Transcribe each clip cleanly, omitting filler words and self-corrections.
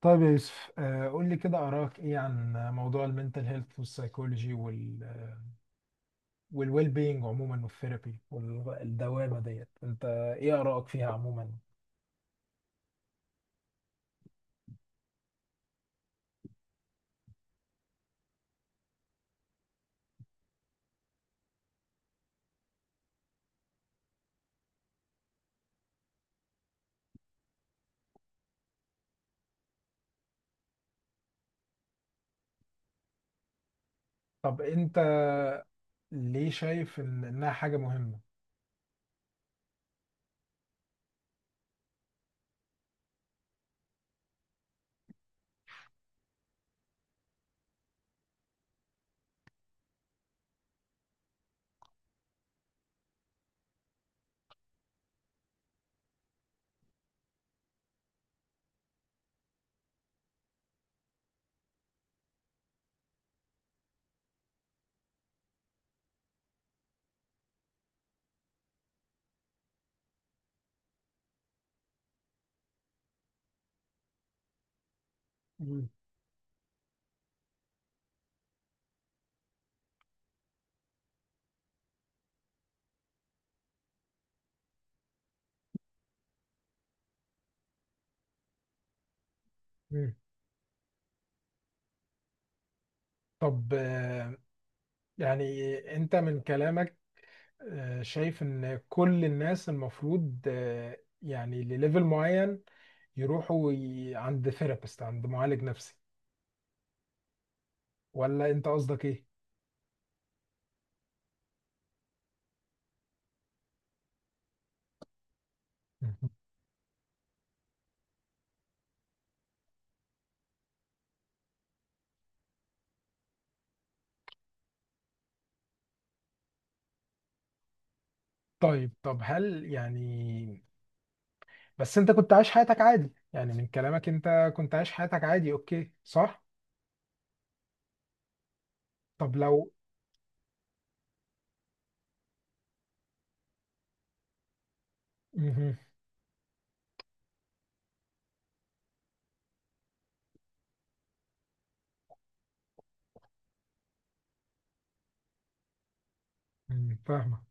طيب يا يوسف، قول لي كده آراك إيه عن موضوع المنتل هيلث والسايكولوجي والويل بينج عموما، والثيرابي والدوامة ديت. أنت إيه آراك فيها عموما؟ طب أنت ليه شايف إنها حاجة مهمة؟ مم. مم. طب، يعني أنت من كلامك شايف إن كل الناس المفروض، يعني لليفل معين، عند ثيرابيست، عند معالج نفسي، ولا أنت قصدك إيه؟ طيب طب هل يعني، بس انت كنت عايش حياتك عادي، يعني من كلامك انت كنت عايش حياتك عادي، اوكي صح؟ طب لو. مهم. مم، فاهمة.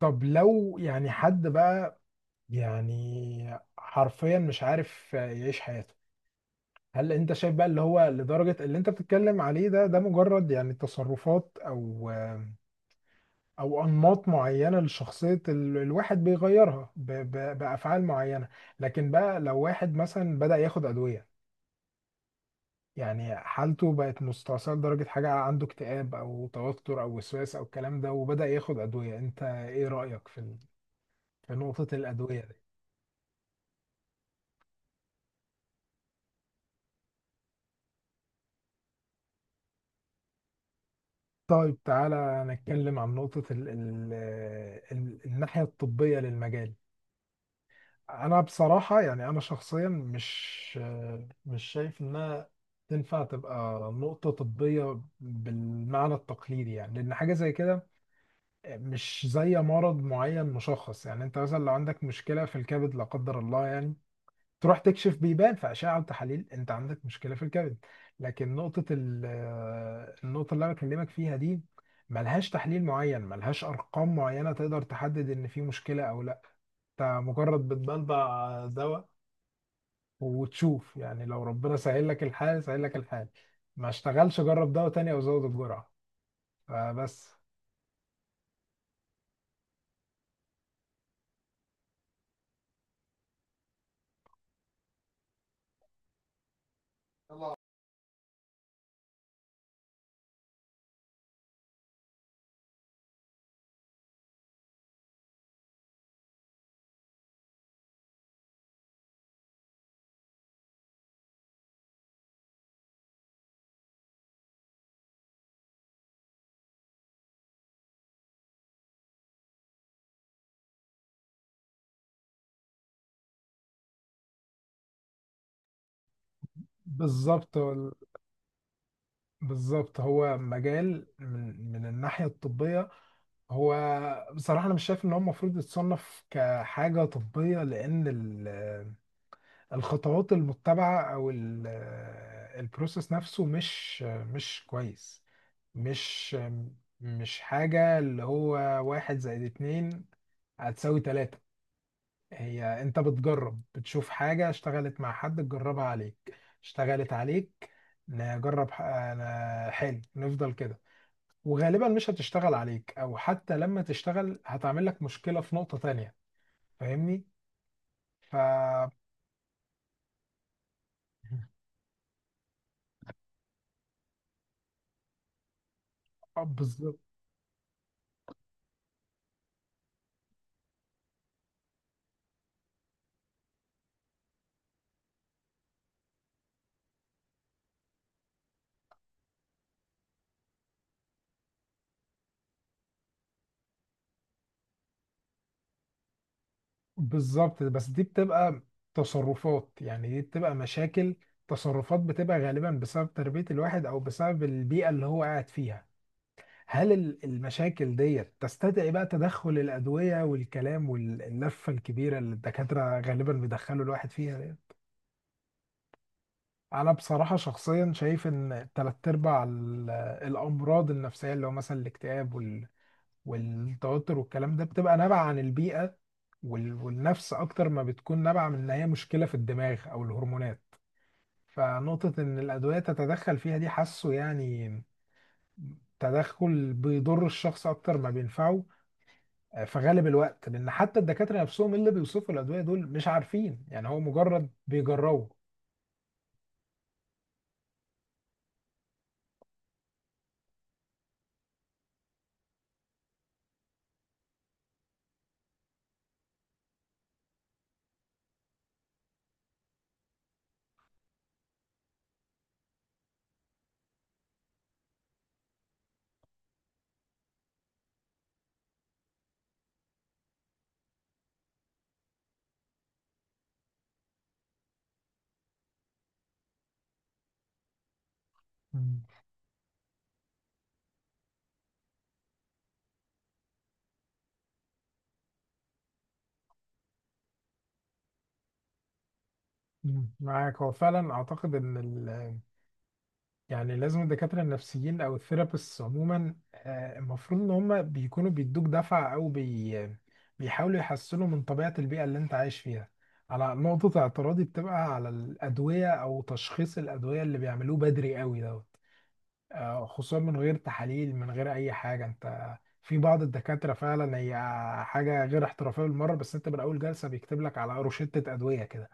طب لو يعني حد بقى، يعني حرفيا مش عارف يعيش حياته، هل انت شايف بقى اللي هو لدرجة اللي انت بتتكلم عليه ده، ده مجرد يعني تصرفات او او انماط معينة لشخصية الواحد، بيغيرها بافعال معينة؟ لكن بقى لو واحد مثلا بدأ ياخد ادوية، يعني حالته بقت مستعصية لدرجة، حاجة عنده اكتئاب أو توتر أو وسواس أو الكلام ده، وبدأ ياخد أدوية، أنت إيه رأيك في في نقطة الأدوية دي؟ طيب تعالى نتكلم عن نقطة ال الناحية الطبية للمجال. أنا بصراحة يعني أنا شخصيا مش شايف إنها تنفع تبقى نقطة طبية بالمعنى التقليدي، يعني لأن حاجة زي كده مش زي مرض معين مشخص. يعني انت مثلا لو عندك مشكله في الكبد لا قدر الله، يعني تروح تكشف بيبان في اشعه وتحاليل انت عندك مشكله في الكبد. لكن نقطه النقطه اللي انا بكلمك فيها دي ملهاش تحليل معين، ملهاش ارقام معينه تقدر تحدد ان في مشكله او لا. انت مجرد بتبلبع دواء وتشوف، يعني لو ربنا سهل لك الحال سهل لك الحال، ما اشتغلش جرب دواء تاني او زود الجرعه. فبس. بالظبط بالظبط. هو مجال من من الناحية الطبية، هو بصراحة أنا مش شايف إن هو المفروض يتصنف كحاجة طبية، لأن الخطوات المتبعة أو البروسيس نفسه مش كويس. مش مش حاجة اللي هو واحد زائد اتنين هتساوي تلاتة. هي أنت بتجرب، بتشوف حاجة اشتغلت مع حد تجربها عليك، اشتغلت عليك، نجرب حلو نفضل كده. وغالبا مش هتشتغل عليك، او حتى لما تشتغل هتعمل لك مشكلة في نقطة تانية، فاهمني؟ ف بالظبط بالظبط. بس دي بتبقى تصرفات، يعني دي بتبقى مشاكل، تصرفات بتبقى غالبا بسبب تربية الواحد أو بسبب البيئة اللي هو قاعد فيها. هل المشاكل ديت تستدعي بقى تدخل الأدوية والكلام واللفة الكبيرة اللي الدكاترة غالبا بيدخلوا الواحد فيها؟ انا بصراحه شخصيا شايف ان تلات ارباع الامراض النفسيه، اللي هو مثلا الاكتئاب والتوتر والكلام ده، بتبقى نابعه عن البيئه والنفس اكتر ما بتكون نابعه من ان هي مشكله في الدماغ او الهرمونات. فنقطه ان الادويه تتدخل فيها دي، حاسه يعني تدخل بيضر الشخص اكتر ما بينفعه، في غالب الوقت، لان حتى الدكاتره نفسهم اللي بيوصفوا الادويه دول مش عارفين، يعني هو مجرد بيجربوا. مم. معاك. هو فعلا اعتقد ان ال، يعني لازم الدكاتره النفسيين او الثيرابيست عموما، المفروض ان هم بيكونوا بيدوك دفعه، او بي بيحاولوا يحسنوا من طبيعه البيئه اللي انت عايش فيها. على نقطه اعتراضي بتبقى على الادويه او تشخيص الادويه اللي بيعملوه بدري قوي دوت، خصوصا من غير تحاليل من غير اي حاجه. انت في بعض الدكاتره فعلا هي حاجه غير احترافيه بالمره، بس انت من اول جلسه بيكتب لك على روشته ادويه كده.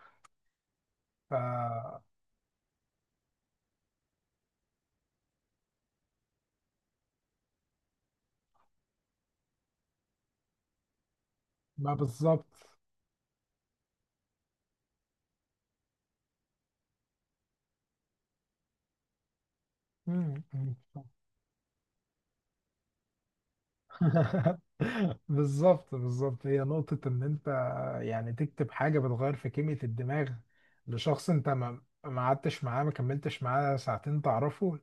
ف ما بالظبط. مم، مم. بالظبط، بالظبط. هي نقطة إن أنت يعني تكتب حاجة بتغير في كيمياء الدماغ لشخص أنت ما قعدتش معاه، ما كملتش معاه ساعتين تعرفه.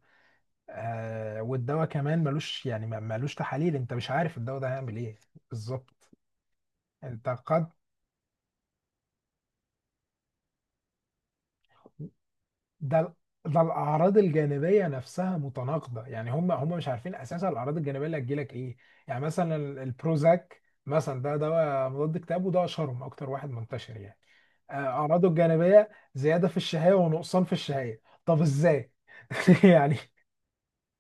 آه، والدواء كمان ملوش، يعني ملوش تحاليل، أنت مش عارف الدواء ده هيعمل إيه. بالظبط. أنت قد، ده ده الاعراض الجانبيه نفسها متناقضه، يعني هم مش عارفين اساسا الاعراض الجانبيه اللي هتجيلك ايه. يعني مثلا البروزاك مثلا، ده دواء مضاد اكتئاب وده اشهرهم، اكتر واحد منتشر يعني. اعراضه الجانبيه زياده في الشهيه ونقصان في الشهيه. طب ازاي؟ يعني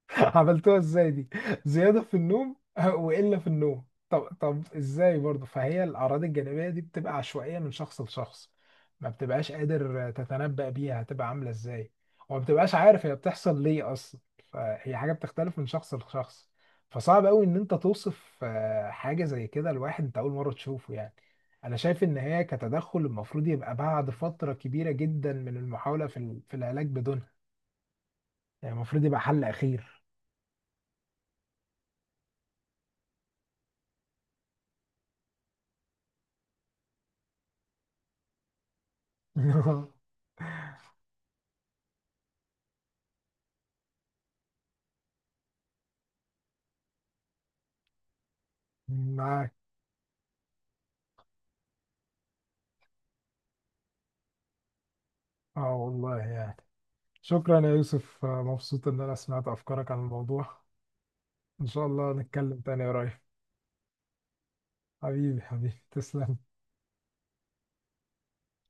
عملتوها ازاي دي؟ زيادة في النوم وإلا في النوم؟ طب ازاي برضه؟ فهي الأعراض الجانبية دي بتبقى عشوائية من شخص لشخص، ما بتبقاش قادر تتنبأ بيها هتبقى عاملة ازاي، وما بتبقاش عارف هي بتحصل ليه أصلا. فهي حاجة بتختلف من شخص لشخص. فصعب قوي إن أنت توصف، حاجة زي كده لواحد أنت أول مرة تشوفه يعني. أنا شايف إن هي كتدخل المفروض يبقى بعد فترة كبيرة جدا من المحاولة في في العلاج بدونها، يعني المفروض يبقى حل أخير. معاك. اه والله يعني. شكرا يا يوسف، مبسوط ان انا سمعت افكارك عن الموضوع. ان شاء الله نتكلم تاني قريب. حبيبي حبيبي، تسلم.